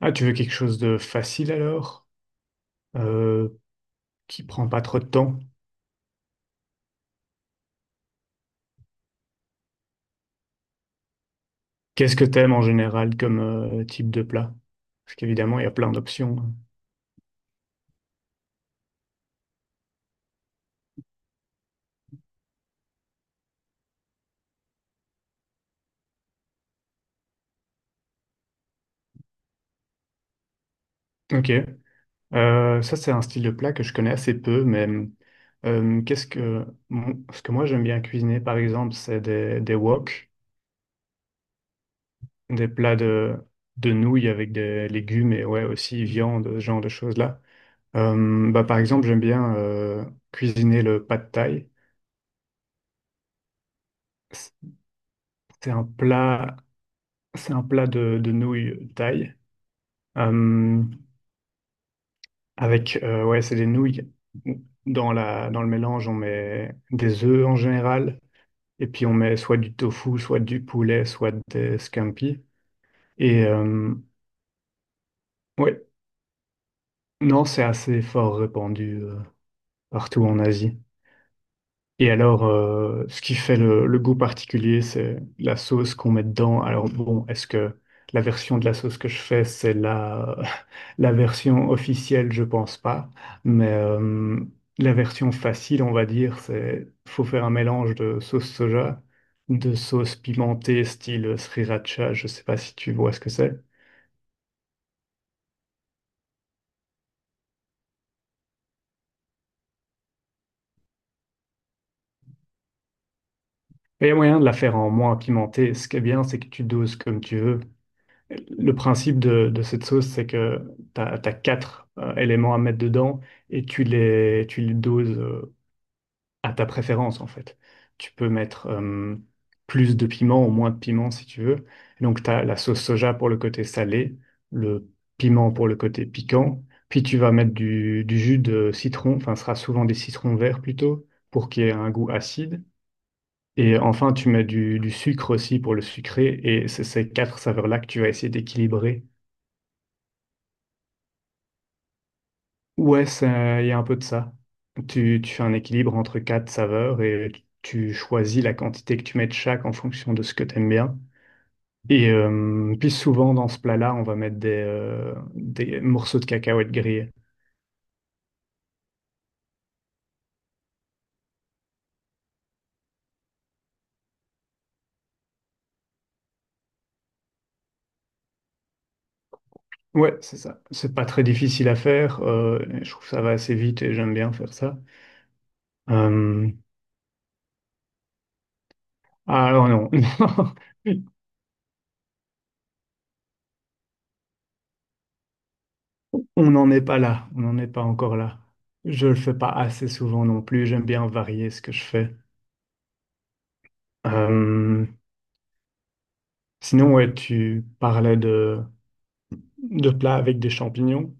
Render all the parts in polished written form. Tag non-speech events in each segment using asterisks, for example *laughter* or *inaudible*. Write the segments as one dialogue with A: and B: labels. A: Ah, tu veux quelque chose de facile alors, euh, qui prend pas trop de temps. Qu'est-ce que t'aimes en général comme type de plat? Parce qu'évidemment, il y a plein d'options, hein. Ok. Ça, c'est un style de plat que je connais assez peu, mais ce que moi j'aime bien cuisiner, par exemple, c'est des wok, des plats de nouilles avec des légumes et ouais aussi viande, ce genre de choses-là. Bah, par exemple, j'aime bien cuisiner le pad thai. C'est un plat, c'est un plat de nouilles thaï euh, avec ouais, c'est des nouilles. Dans le mélange, on met des œufs en général. Et puis on met soit du tofu, soit du poulet, soit des scampi. Et ouais, non, c'est assez fort répandu partout en Asie. Et alors, ce qui fait le goût particulier, c'est la sauce qu'on met dedans. Alors bon, est-ce que la version de la sauce que je fais, c'est *laughs* la version officielle? Je pense pas. Mais la version facile, on va dire, c'est faut faire un mélange de sauce soja, de sauce pimentée style sriracha. Je sais pas si tu vois ce que c'est. Et il y a moyen de la faire en moins pimentée. Ce qui est bien, c'est que tu doses comme tu veux. Le principe de cette sauce, c'est que tu as quatre éléments à mettre dedans et tu les doses à ta préférence, en fait. Tu peux mettre plus de piment ou moins de piment si tu veux. Et donc, tu as la sauce soja pour le côté salé, le piment pour le côté piquant. Puis, tu vas mettre du jus de citron, enfin, ce sera souvent des citrons verts plutôt, pour qu'il y ait un goût acide. Et enfin, tu mets du sucre aussi pour le sucré. Et c'est ces quatre saveurs-là que tu vas essayer d'équilibrer. Ouais, ça, il y a un peu de ça. Tu fais un équilibre entre quatre saveurs et tu choisis la quantité que tu mets de chaque en fonction de ce que tu aimes bien. Et puis souvent dans ce plat-là, on va mettre des morceaux de cacahuètes grillées. Ouais, c'est ça. C'est pas très difficile à faire. Je trouve que ça va assez vite et j'aime bien faire ça. Euh, ah non, non. *laughs* On n'en est pas là. On n'en est pas encore là. Je le fais pas assez souvent non plus. J'aime bien varier ce que je fais. Euh, Sinon, ouais, tu parlais de plats avec des champignons.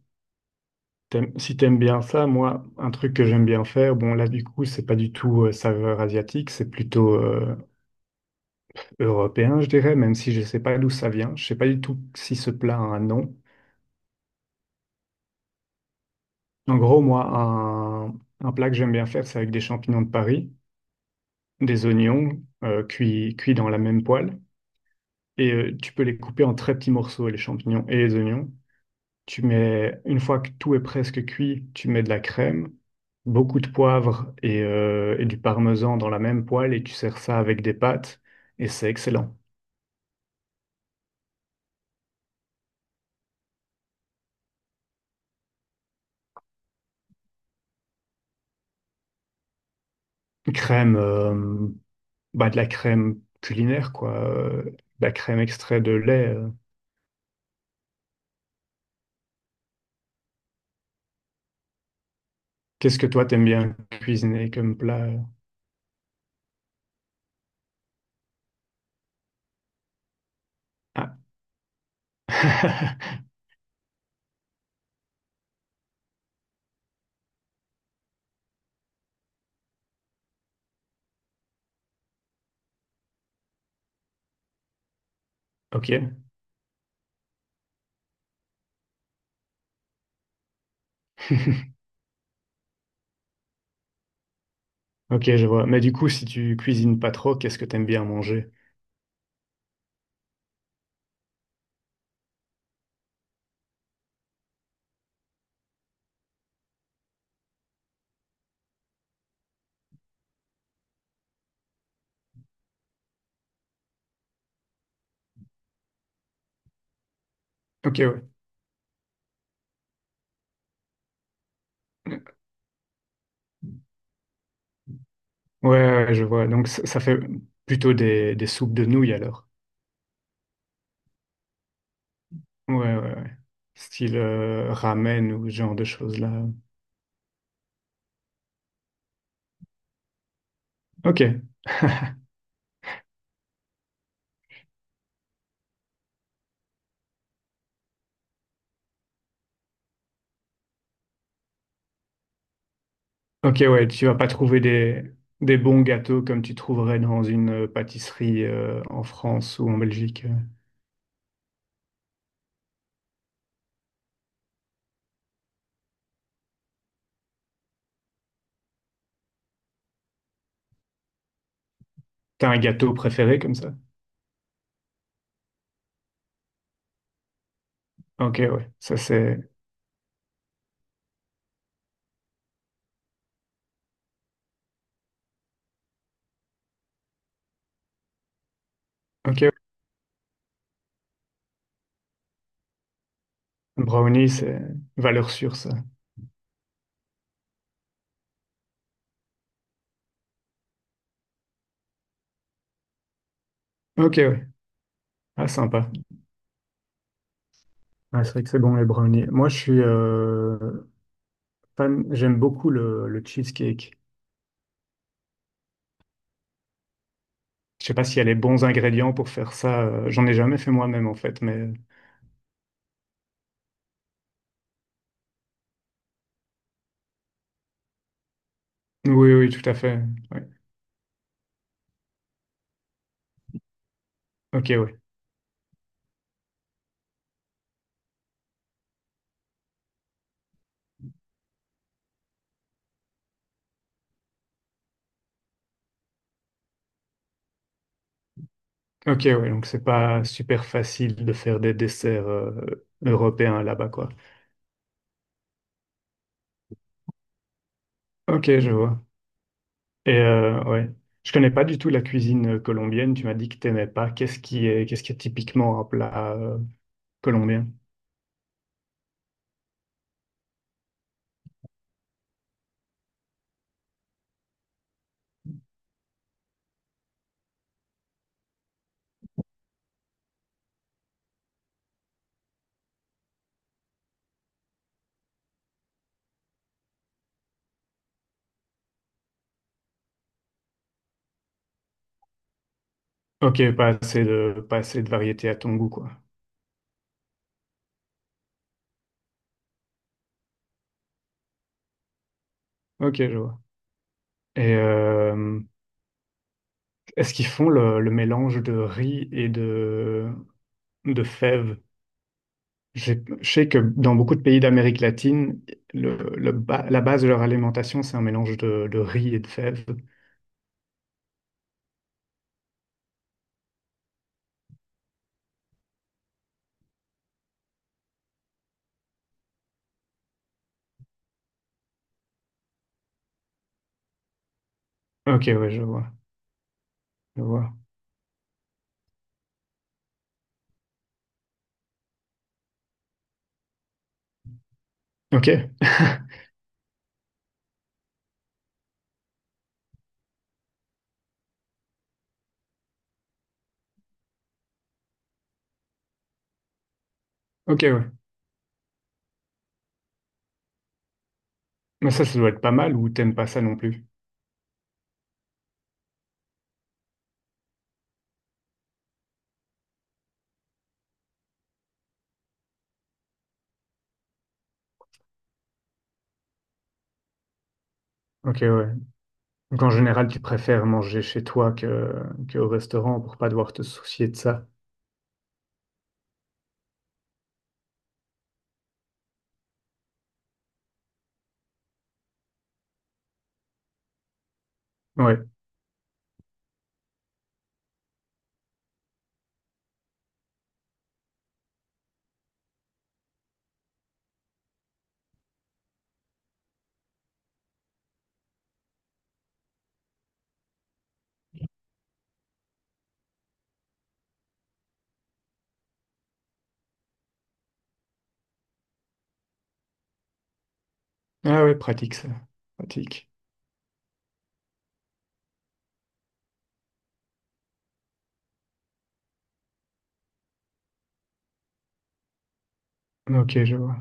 A: T'aimes, si t'aimes bien ça, moi, un truc que j'aime bien faire, bon, là, du coup, c'est pas du tout saveur asiatique, c'est plutôt européen, je dirais, même si je sais pas d'où ça vient. Je sais pas du tout si ce plat a un nom. En gros, moi, un plat que j'aime bien faire, c'est avec des champignons de Paris, des oignons cuits dans la même poêle. Et tu peux les couper en très petits morceaux, les champignons et les oignons. Tu mets, une fois que tout est presque cuit, tu mets de la crème, beaucoup de poivre et du parmesan dans la même poêle et tu sers ça avec des pâtes et c'est excellent. Crème, bah de la crème culinaire quoi, de la crème extrait de lait. Qu'est-ce que toi t'aimes bien cuisiner comme plat? Ah, *laughs* ok. *laughs* Ok, je vois. Mais du coup, si tu cuisines pas trop, qu'est-ce que t'aimes bien manger? Ok, ouais. Ouais, ouais, je vois. Donc, ça fait plutôt des soupes de nouilles alors. Ouais, ouais, ouais. Style ramen ou ce genre de choses-là. Ok, ok, ouais. Tu vas pas trouver des bons gâteaux comme tu trouverais dans une pâtisserie en France ou en Belgique. T'as un gâteau préféré comme ça? Ok, ouais. Ça, c'est. Ok, ouais. Brownie, c'est valeur sûre, ça. Ok, ouais. Ah, sympa. Ouais, c'est vrai que c'est bon les brownies. Moi, je suis fan, j'aime beaucoup le cheesecake. Je sais pas s'il y a les bons ingrédients pour faire ça. J'en ai jamais fait moi-même en fait, mais oui, oui, tout à fait. Ouais. Ok, ouais. Ok, ouais. Donc c'est pas super facile de faire des desserts européens là-bas, quoi. Ok, je vois. Et ouais, je connais pas du tout la cuisine colombienne. Tu m'as dit que t'aimais pas. Qu'est-ce qui est typiquement un plat colombien? Ok, pas assez de, pas assez de variété à ton goût, quoi. Ok, je vois. Et est-ce qu'ils font le mélange de riz et de fèves? Je sais que dans beaucoup de pays d'Amérique latine, la base de leur alimentation, c'est un mélange de riz et de fèves. Ok, ouais, je vois, je vois. Ok, *laughs* ok, ouais. Mais ça doit être pas mal ou t'aimes pas ça non plus? Ok, ouais. Donc en général, tu préfères manger chez toi que au restaurant pour pas devoir te soucier de ça. Ouais. Ah ouais, pratique ça. Pratique. Ok, je vois.